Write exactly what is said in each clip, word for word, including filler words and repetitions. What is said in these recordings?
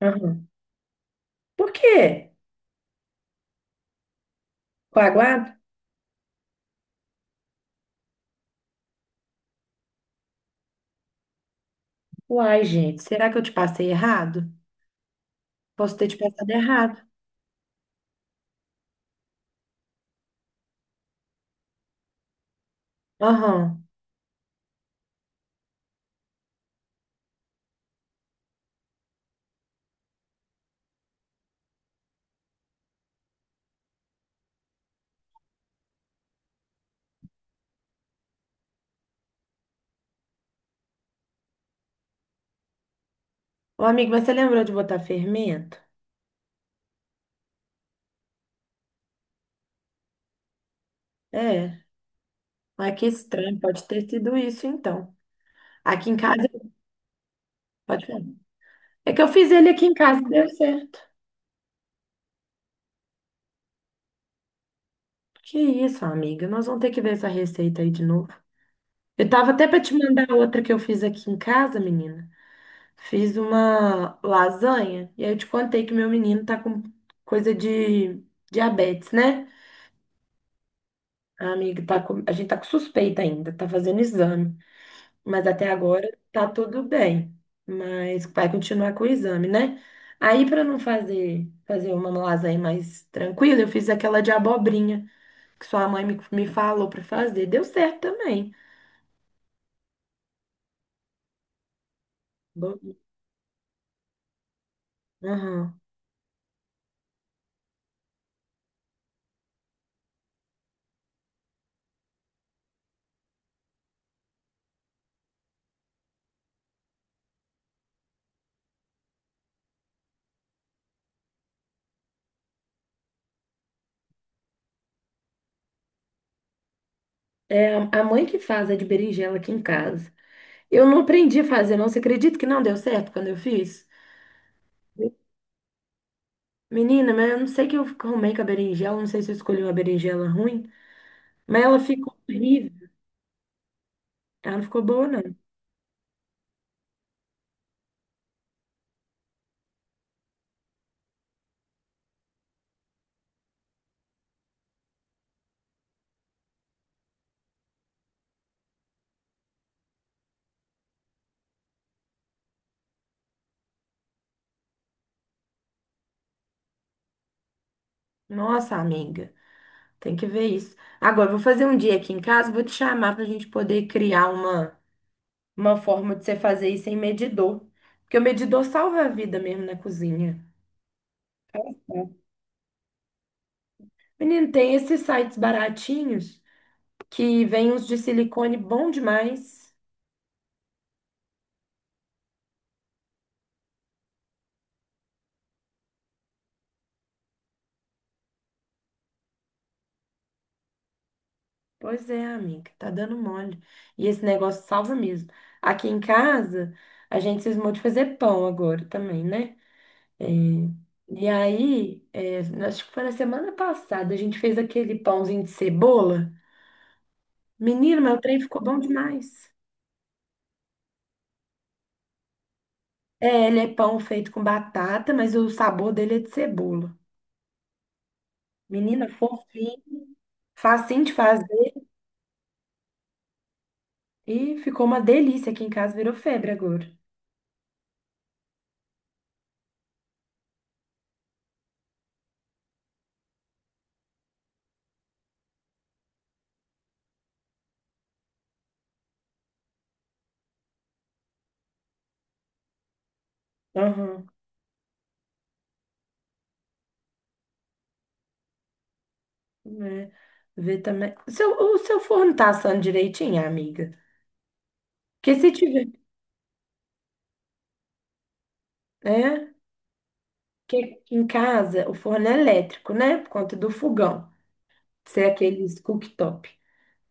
Aham. Por quê? Coaguado? Uai, gente, será que eu te passei errado? Posso ter te passado errado. Aham. Ô, amigo, mas você lembrou de botar fermento? É. Mas que estranho, pode ter sido isso, então. Aqui em casa, pode falar. É que eu fiz ele aqui em casa e deu certo. Que isso, amiga, nós vamos ter que ver essa receita aí de novo. Eu tava até pra te mandar outra que eu fiz aqui em casa, menina. Fiz uma lasanha, e aí eu te contei que meu menino tá com coisa de diabetes, né? A amiga, tá com- a gente tá com suspeita ainda, tá fazendo exame, mas até agora tá tudo bem. Mas vai continuar com o exame, né? Aí, para não fazer fazer uma lasanha mais tranquila, eu fiz aquela de abobrinha que sua mãe me, me falou para fazer. Deu certo também. Bo- Aham. É a a mãe que faz a de berinjela aqui em casa. Eu não aprendi a fazer, não. Você acredita que não deu certo quando eu fiz? Menina, mas eu não sei o que eu arrumei com a berinjela, não sei se eu escolhi uma berinjela ruim. Mas ela ficou horrível. Ela não ficou boa, não. Nossa, amiga, tem que ver isso. Agora, eu vou fazer um dia aqui em casa, vou te chamar para a gente poder criar uma, uma forma de você fazer isso em medidor. Porque o medidor salva a vida mesmo na cozinha. É. Menino, tem esses sites baratinhos que vêm uns de silicone bom demais. Pois é, amiga, tá dando mole. E esse negócio salva mesmo. Aqui em casa, a gente se esmou de fazer pão agora também, né? E aí, é, acho que foi na semana passada, a gente fez aquele pãozinho de cebola. Menino, meu trem ficou bom demais. É, ele é pão feito com batata, mas o sabor dele é de cebola. Menina, fofinho, facinho de fazer. E ficou uma delícia aqui em casa, virou febre agora. Aham, né? Vê também. O seu, o seu forno tá assando direitinho, amiga? Porque se tiver, né? Porque aqui em casa o forno é elétrico, né? Por conta do fogão, ser aqueles cooktop.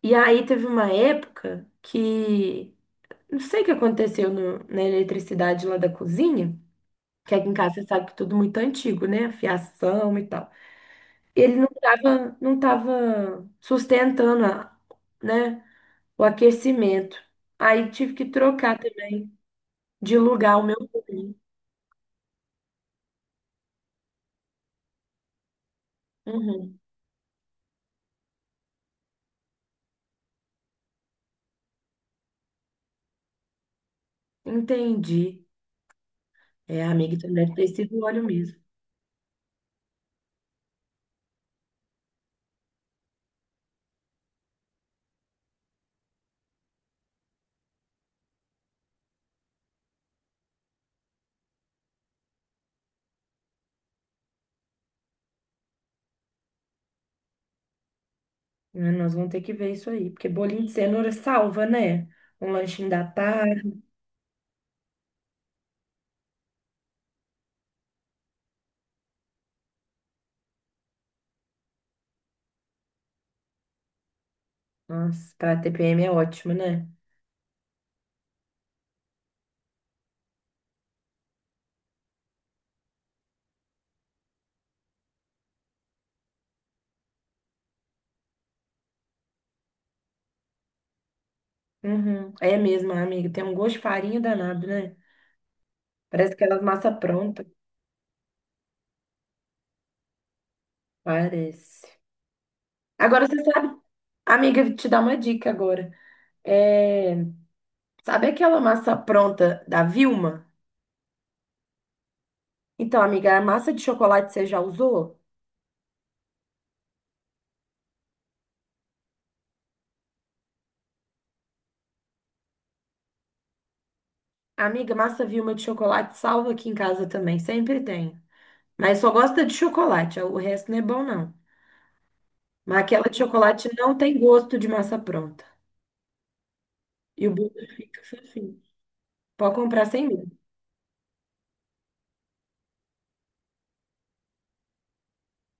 E aí teve uma época que não sei o que aconteceu no- na eletricidade lá da cozinha, que aqui em casa você sabe que é tudo muito antigo, né? A Fiação e tal. Ele não tava, não tava sustentando a- né, o aquecimento. Aí tive que trocar também de lugar o meu óleo. Uhum. Entendi. É, amiga, então deve ter sido o óleo mesmo. Né, nós vamos ter que ver isso aí, porque bolinho de cenoura salva, né? Um lanchinho da tarde. Nossa, pra T P M é ótimo, né? Uhum. É mesmo, amiga. Tem um gosto de farinha danado, né? Parece aquelas massa pronta. Parece. Agora você sabe, amiga, vou te dar uma dica agora. É, Sabe aquela massa pronta da Vilma? Então, amiga, a massa de chocolate você já usou? Amiga, massa Vilma de chocolate salva aqui em casa também, sempre tem. Mas só gosta de chocolate, o resto não é bom, não. Mas aquela de chocolate não tem gosto de massa pronta. E o bolo fica fofinho. Pode comprar sem medo.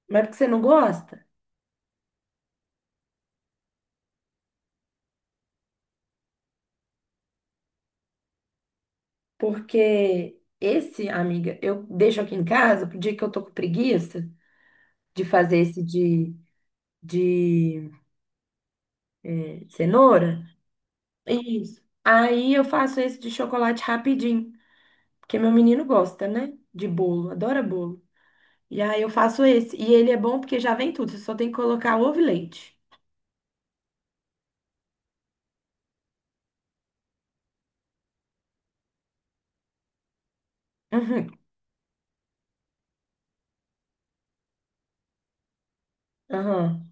Mas porque você não gosta? Porque esse, amiga, eu deixo aqui em casa pro dia que eu tô com preguiça de fazer esse de, de eh, cenoura. Isso. Aí eu faço esse de chocolate rapidinho, porque meu menino gosta, né? De bolo, adora bolo. E aí eu faço esse. E ele é bom porque já vem tudo, você só tem que colocar ovo e leite. Uhum. Aham.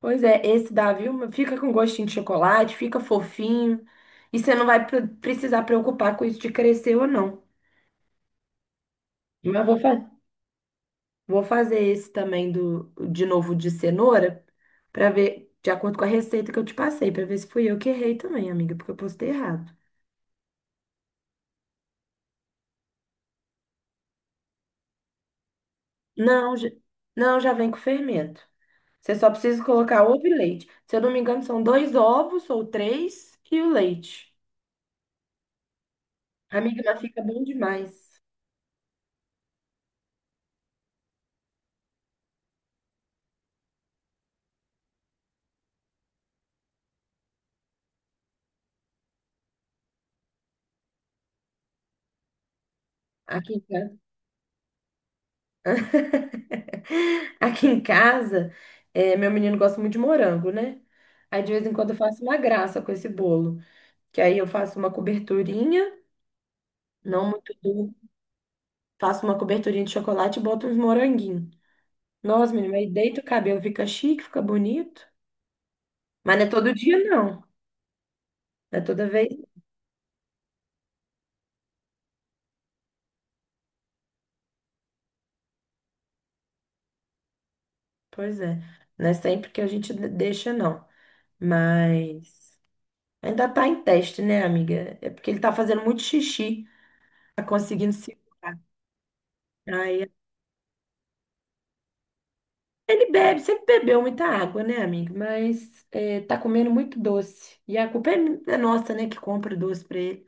Pois é, esse da Vilma fica com gostinho de chocolate, fica fofinho. E você não vai pre- precisar preocupar com isso de crescer ou não. Mas vou fazer. Vou fazer esse também do, de novo de cenoura, para ver, de acordo com a receita que eu te passei, para ver se fui eu que errei também, amiga, porque eu postei errado. Não, já, não, já vem com fermento. Você só precisa colocar ovo e leite. Se eu não me engano, são dois ovos ou três e o leite. Amiga, mas fica bom demais. Aqui em casa. Aqui em casa, eh, meu menino gosta muito de morango, né? Aí de vez em quando eu faço uma graça com esse bolo, que aí eu faço uma coberturinha, não muito duro, faço uma coberturinha de chocolate e boto uns moranguinhos. Nossa, menino, aí deita o cabelo, fica chique, fica bonito. Mas não é todo dia, não. Não é toda vez. Pois é. Não é sempre que a gente de- deixa, não. Mas ainda tá em teste, né, amiga? É porque ele tá fazendo muito xixi, tá conseguindo se. Aí ele bebe, sempre bebeu muita água, né, amigo? Mas é, tá comendo muito doce. E a culpa é, mi- é nossa, né, que compra o doce pra ele.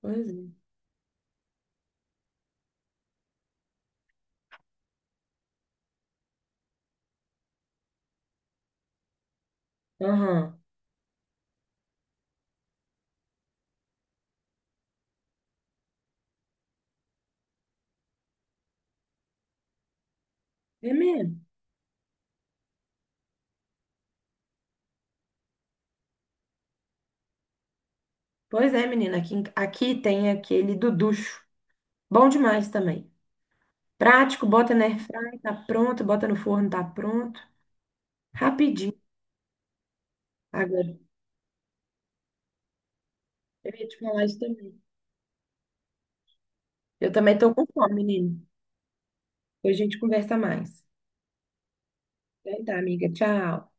Pois é. Aham. É mesmo. Pois é, menina. Aqui, em- aqui tem aquele duducho. Bom demais também. Prático, bota na airfryer, tá pronto. Bota no forno, tá pronto. Rapidinho. Agora, eu ia te falar isso também. Eu também tô com fome, menino. Depois a gente conversa mais. Então tá, amiga. Tchau.